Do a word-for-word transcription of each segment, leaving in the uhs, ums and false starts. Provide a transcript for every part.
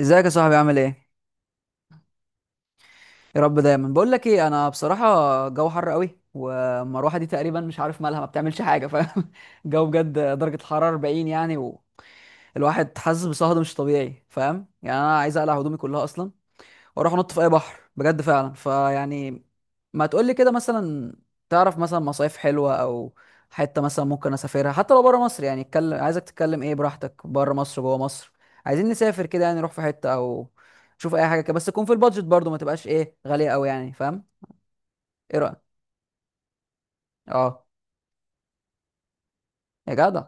ازيك يا صاحبي؟ عامل ايه؟ يا رب. دايما بقول لك ايه، انا بصراحه جو حر قوي، والمروحه دي تقريبا مش عارف مالها، ما بتعملش حاجه، فاهم؟ الجو بجد درجه الحراره أربعين يعني، والواحد حاسس بصهد مش طبيعي، فاهم؟ يعني انا عايز اقلع هدومي كلها اصلا، واروح انط في اي بحر بجد فعلا، فيعني ما تقول لي كده مثلا، تعرف مثلا مصايف حلوه، او حته مثلا ممكن اسافرها حتى لو بره مصر. يعني اتكلم، عايزك تتكلم ايه براحتك، بره مصر، جوه مصر. عايزين نسافر كده، يعني نروح في حته او نشوف اي حاجه كده، بس تكون في البادجت برضو، ما تبقاش ايه غاليه قوي، يعني فاهم؟ ايه رايك؟ اه. يا جدع.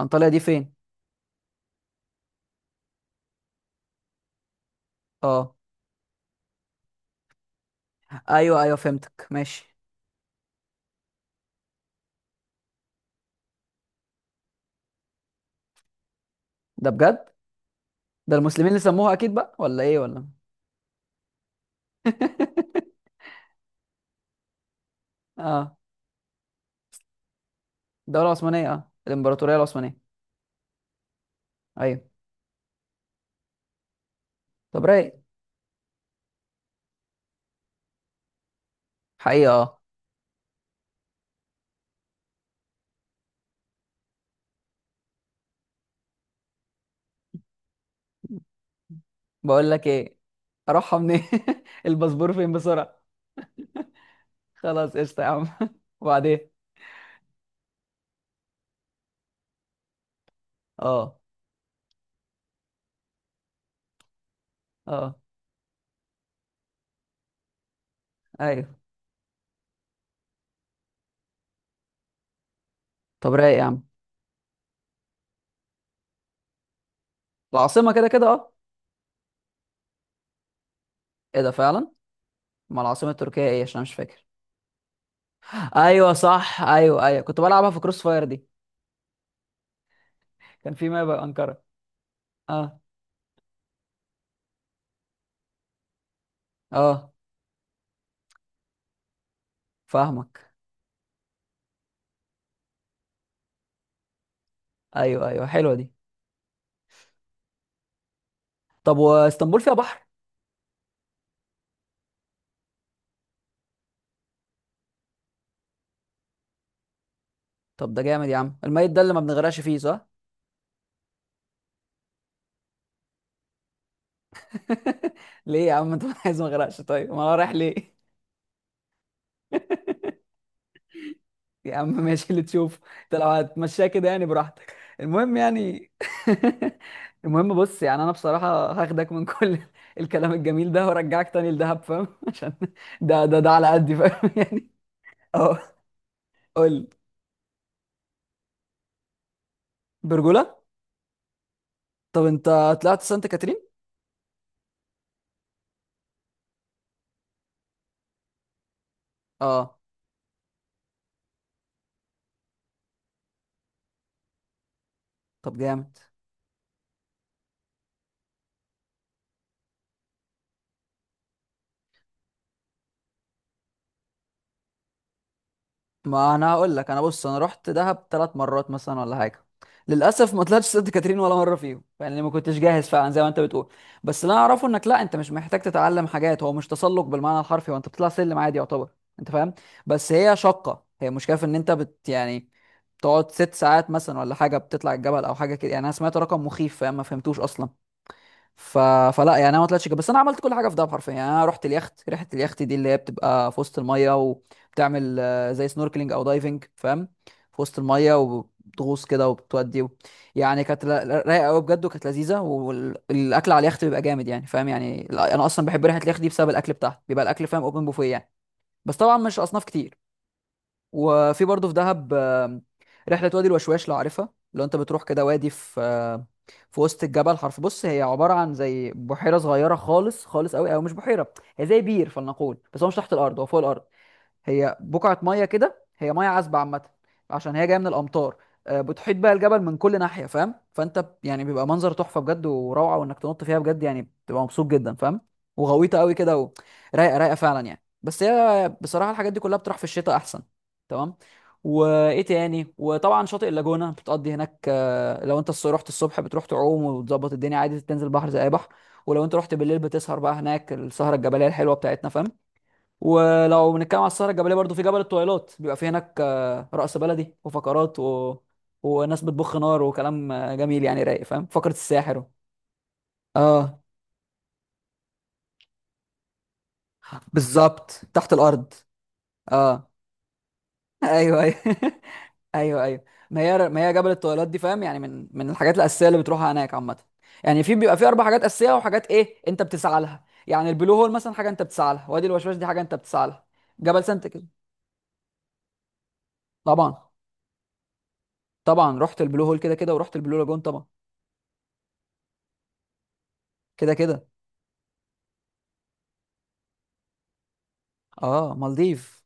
انطاليا دي فين؟ اه. ايوه ايوه فهمتك، ماشي. ده بجد؟ ده المسلمين اللي سموها اكيد بقى، ولا ايه؟ ولا اه. الدوله العثمانيه، اه الامبراطوريه العثمانيه. ايوه. طب رايق. حقيقة اه. بقول لك ايه، اروحها منين؟ الباسبور فين بسرعة؟ خلاص، قشطة يا عم. وبعدين؟ اه. اه. ايوه. طب رايق يا عم. العاصمة كده كده، اه. ايه ده فعلا؟ ما العاصمة التركية ايه؟ عشان أنا مش فاكر. ايوه صح، ايوه ايوه، كنت بلعبها في كروس فاير دي. كان في، ما يبقى انقرة. اه. اه فاهمك. ايوه ايوه حلوة دي. طب واسطنبول فيها بحر؟ طب ده جامد يا عم. الميت ده اللي ما بنغرقش فيه، صح؟ ليه يا عم؟ انت عايز ما اغرقش؟ طيب ما انا رايح ليه؟ يا عم ماشي، اللي تشوفه. انت لو هتمشيها كده، يعني براحتك، المهم يعني. المهم بص، يعني انا بصراحه هاخدك من كل الكلام الجميل ده، وارجعك تاني لدهب، فاهم؟ عشان ده ده ده على قدي، فاهم؟ يعني اه. قول لي. برجوله. طب انت طلعت سانت كاترين؟ اه. طب جامد. ما انا هقول لك. انا بص، انا رحت دهب ثلاث مرات مثلا ولا حاجه، للاسف ما طلعتش سانت كاترين ولا مره فيهم، يعني ما كنتش جاهز فعلا زي ما انت بتقول. بس اللي انا اعرفه، انك لا، انت مش محتاج تتعلم حاجات. هو مش تسلق بالمعنى الحرفي، هو انت بتطلع سلم عادي يعتبر، انت فاهم؟ بس هي شاقه، هي مشكله في ان انت بت، يعني تقعد ست ساعات مثلا ولا حاجه بتطلع الجبل، او حاجه كده، يعني انا سمعت رقم مخيف، فاهم؟ ما فهمتوش اصلا. ف... فلا يعني انا ما طلعتش كده، بس انا عملت كل حاجه في دهب حرفيا. يعني انا رحت اليخت، رحله اليخت دي اللي هي بتبقى في وسط الميه وبتعمل آه، زي سنوركلينج او دايفنج، فاهم؟ في وسط الميه وبتغوص كده وبتودي و... يعني كانت لا- لا- رايقه قوي بجد، وكانت لذيذه، والاكل على اليخت بيبقى جامد، يعني فاهم يعني. لا- انا اصلا بحب رحله اليخت دي بسبب الاكل بتاعها، بيبقى الاكل فاهم اوبن بوفيه يعني. بس طبعا مش اصناف كتير. وفي برضه في دهب آم، رحلة وادي الوشواش لو عارفها. لو انت بتروح كده وادي في، آم، في وسط الجبل حرف. بص هي عبارة عن زي بحيرة صغيرة خالص، خالص قوي، او مش بحيرة، هي زي بير، فلنقول. بس هو مش تحت الارض، هو فوق الارض. هي بقعة مية كده، هي مية عذبة عامة، عشان هي جاية من الأمطار. آه، بتحيط بقى الجبل من كل ناحية، فاهم؟ فأنت ب- يعني بيبقى منظر تحفة بجد، وروعة، وإنك تنط فيها بجد، يعني بتبقى مبسوط جدا، فاهم؟ وغويطة قوي كده و- رايقة رايقة فعلا يعني. بس هي بصراحة الحاجات دي كلها بتروح في الشتاء أحسن. تمام. وإيه تاني؟ وطبعا شاطئ اللاجونة بتقضي هناك. آه، لو أنت الص- رحت الصبح بتروح تعوم وتظبط الدنيا عادي، تنزل بحر زي أي بحر. ولو أنت رحت بالليل بتسهر بقى هناك السهرة الجبلية الحلوة بتاعتنا، فاهم؟ ولو بنتكلم على السهره الجبليه برضو، في جبل الطويلات بيبقى فيه هناك آه، رقص بلدي وفقرات و... وناس بتبخ نار وكلام آه، جميل، يعني رايق، فاهم؟ فقره الساحر. اه بالظبط، تحت الارض. اه ايوه ايوه ايوه ايوه. ما هي ما هي جبل الطويلات دي فاهم، يعني من من الحاجات الاساسيه اللي بتروحها هناك عامه. يعني في، بيبقى في اربع حاجات اساسيه، وحاجات ايه انت بتسعى لها، يعني البلو هول مثلا حاجه انت بتسعى لها، وادي الوشواش دي حاجه انت بتسعى لها، جبل سانت كده. طبعا، طبعا رحت البلو هول كده كده، ورحت البلو لاجون طبعا. كده كده. اه مالديف.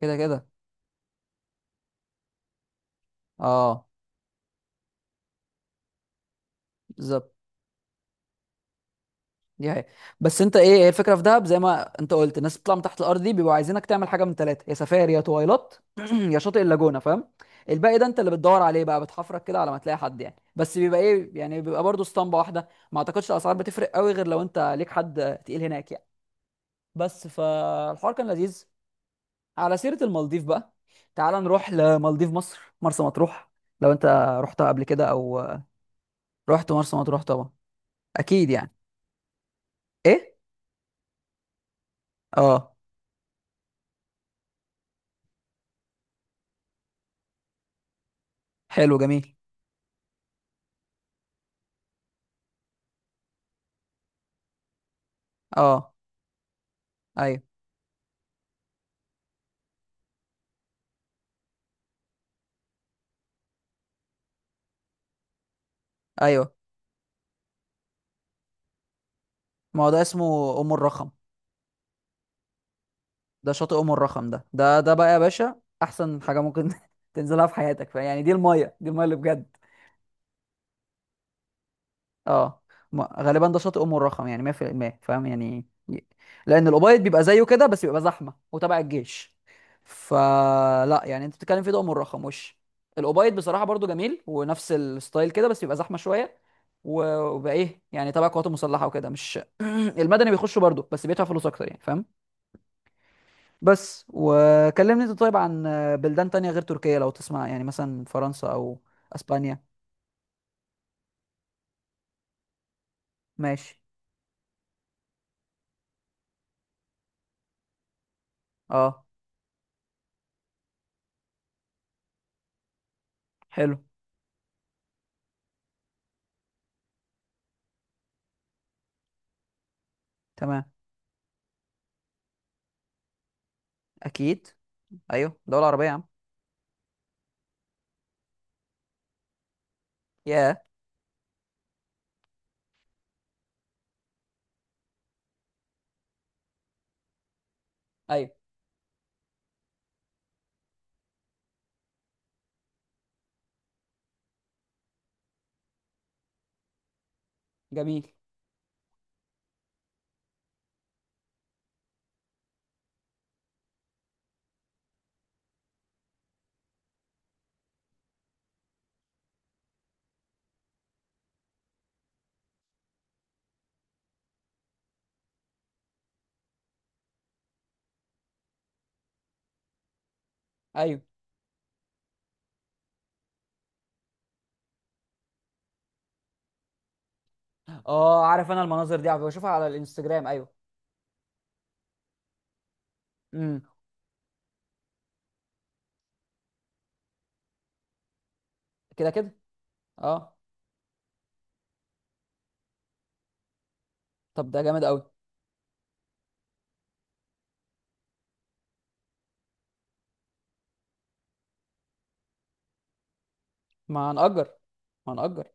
كده كده اه بالظبط. دي هي. بس انت، ايه هي الفكره في دهب زي ما انت قلت، الناس بتطلع من تحت الارض دي بيبقوا عايزينك تعمل حاجه من ثلاثه، يا سفاري، يا تويلات، يا شاطئ اللاجونه، فاهم؟ الباقي ده انت اللي بتدور عليه بقى، بتحفرك كده على ما تلاقي حد، يعني بس بيبقى ايه، يعني بيبقى برضه اسطمبه واحده، ما اعتقدش الاسعار بتفرق قوي، غير لو انت ليك حد تقيل هناك يعني. بس فالحوار كان لذيذ. على سيره المالديف بقى، تعال نروح لمالديف مصر، مرسى مطروح. لو انت رحتها قبل كده او، رحت مرسى مطروح طبعا، اكيد يعني. ايه؟ اه. حلو جميل. اه ايوه ايوه. ما هو ده اسمه ام الرخم. ده شاطئ ام الرخم، ده ده ده بقى يا باشا احسن حاجه ممكن تنزلها في حياتك، يعني دي الميه، دي الميه اللي بجد. اه ما- غالبا ده شاطئ ام الرخم يعني مية في المية، فاهم يعني ي- لان الابيض بيبقى زيه كده، بس بيبقى زحمه وتبع الجيش، فلا يعني انت بتتكلم في ده، ام الرخم وش الابيض بصراحه برضو جميل ونفس الستايل كده، بس بيبقى زحمه شويه، و- وبقى ايه يعني، تبع القوات المسلحه وكده، مش المدني بيخشوا برضو، بس بيدفع فلوس اكتر، يعني فاهم؟ بس وكلمني انت طيب عن بلدان تانية غير تركيا لو تسمع، يعني مثلا فرنسا او اسبانيا. ماشي. اه. حلو. تمام. اكيد. ايوه دولة عربية يا عم. ياه. ايوه جميل. ايوه. اه عارف، انا المناظر دي بشوفها على الانستجرام، ايوه. امم. كده كده. اه طب ده جامد قوي. ما هنأجر، ما هنأجر.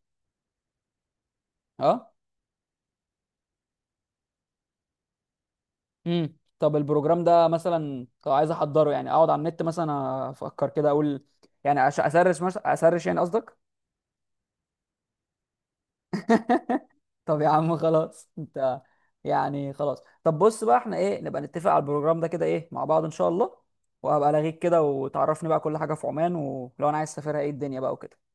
اه. امم طب البروجرام ده مثلا لو عايز احضره، يعني اقعد على النت مثلا، افكر كده اقول، يعني أش- اسرش مثلا، اسرش يعني قصدك؟ طب يا عم خلاص انت، يعني خلاص. طب بص بقى، احنا ايه نبقى نتفق على البروجرام ده كده ايه مع بعض ان شاء الله، وهبقى الاغيك كده وتعرفني بقى كل حاجه في عمان، ولو انا عايز اسافرها ايه الدنيا بقى وكده.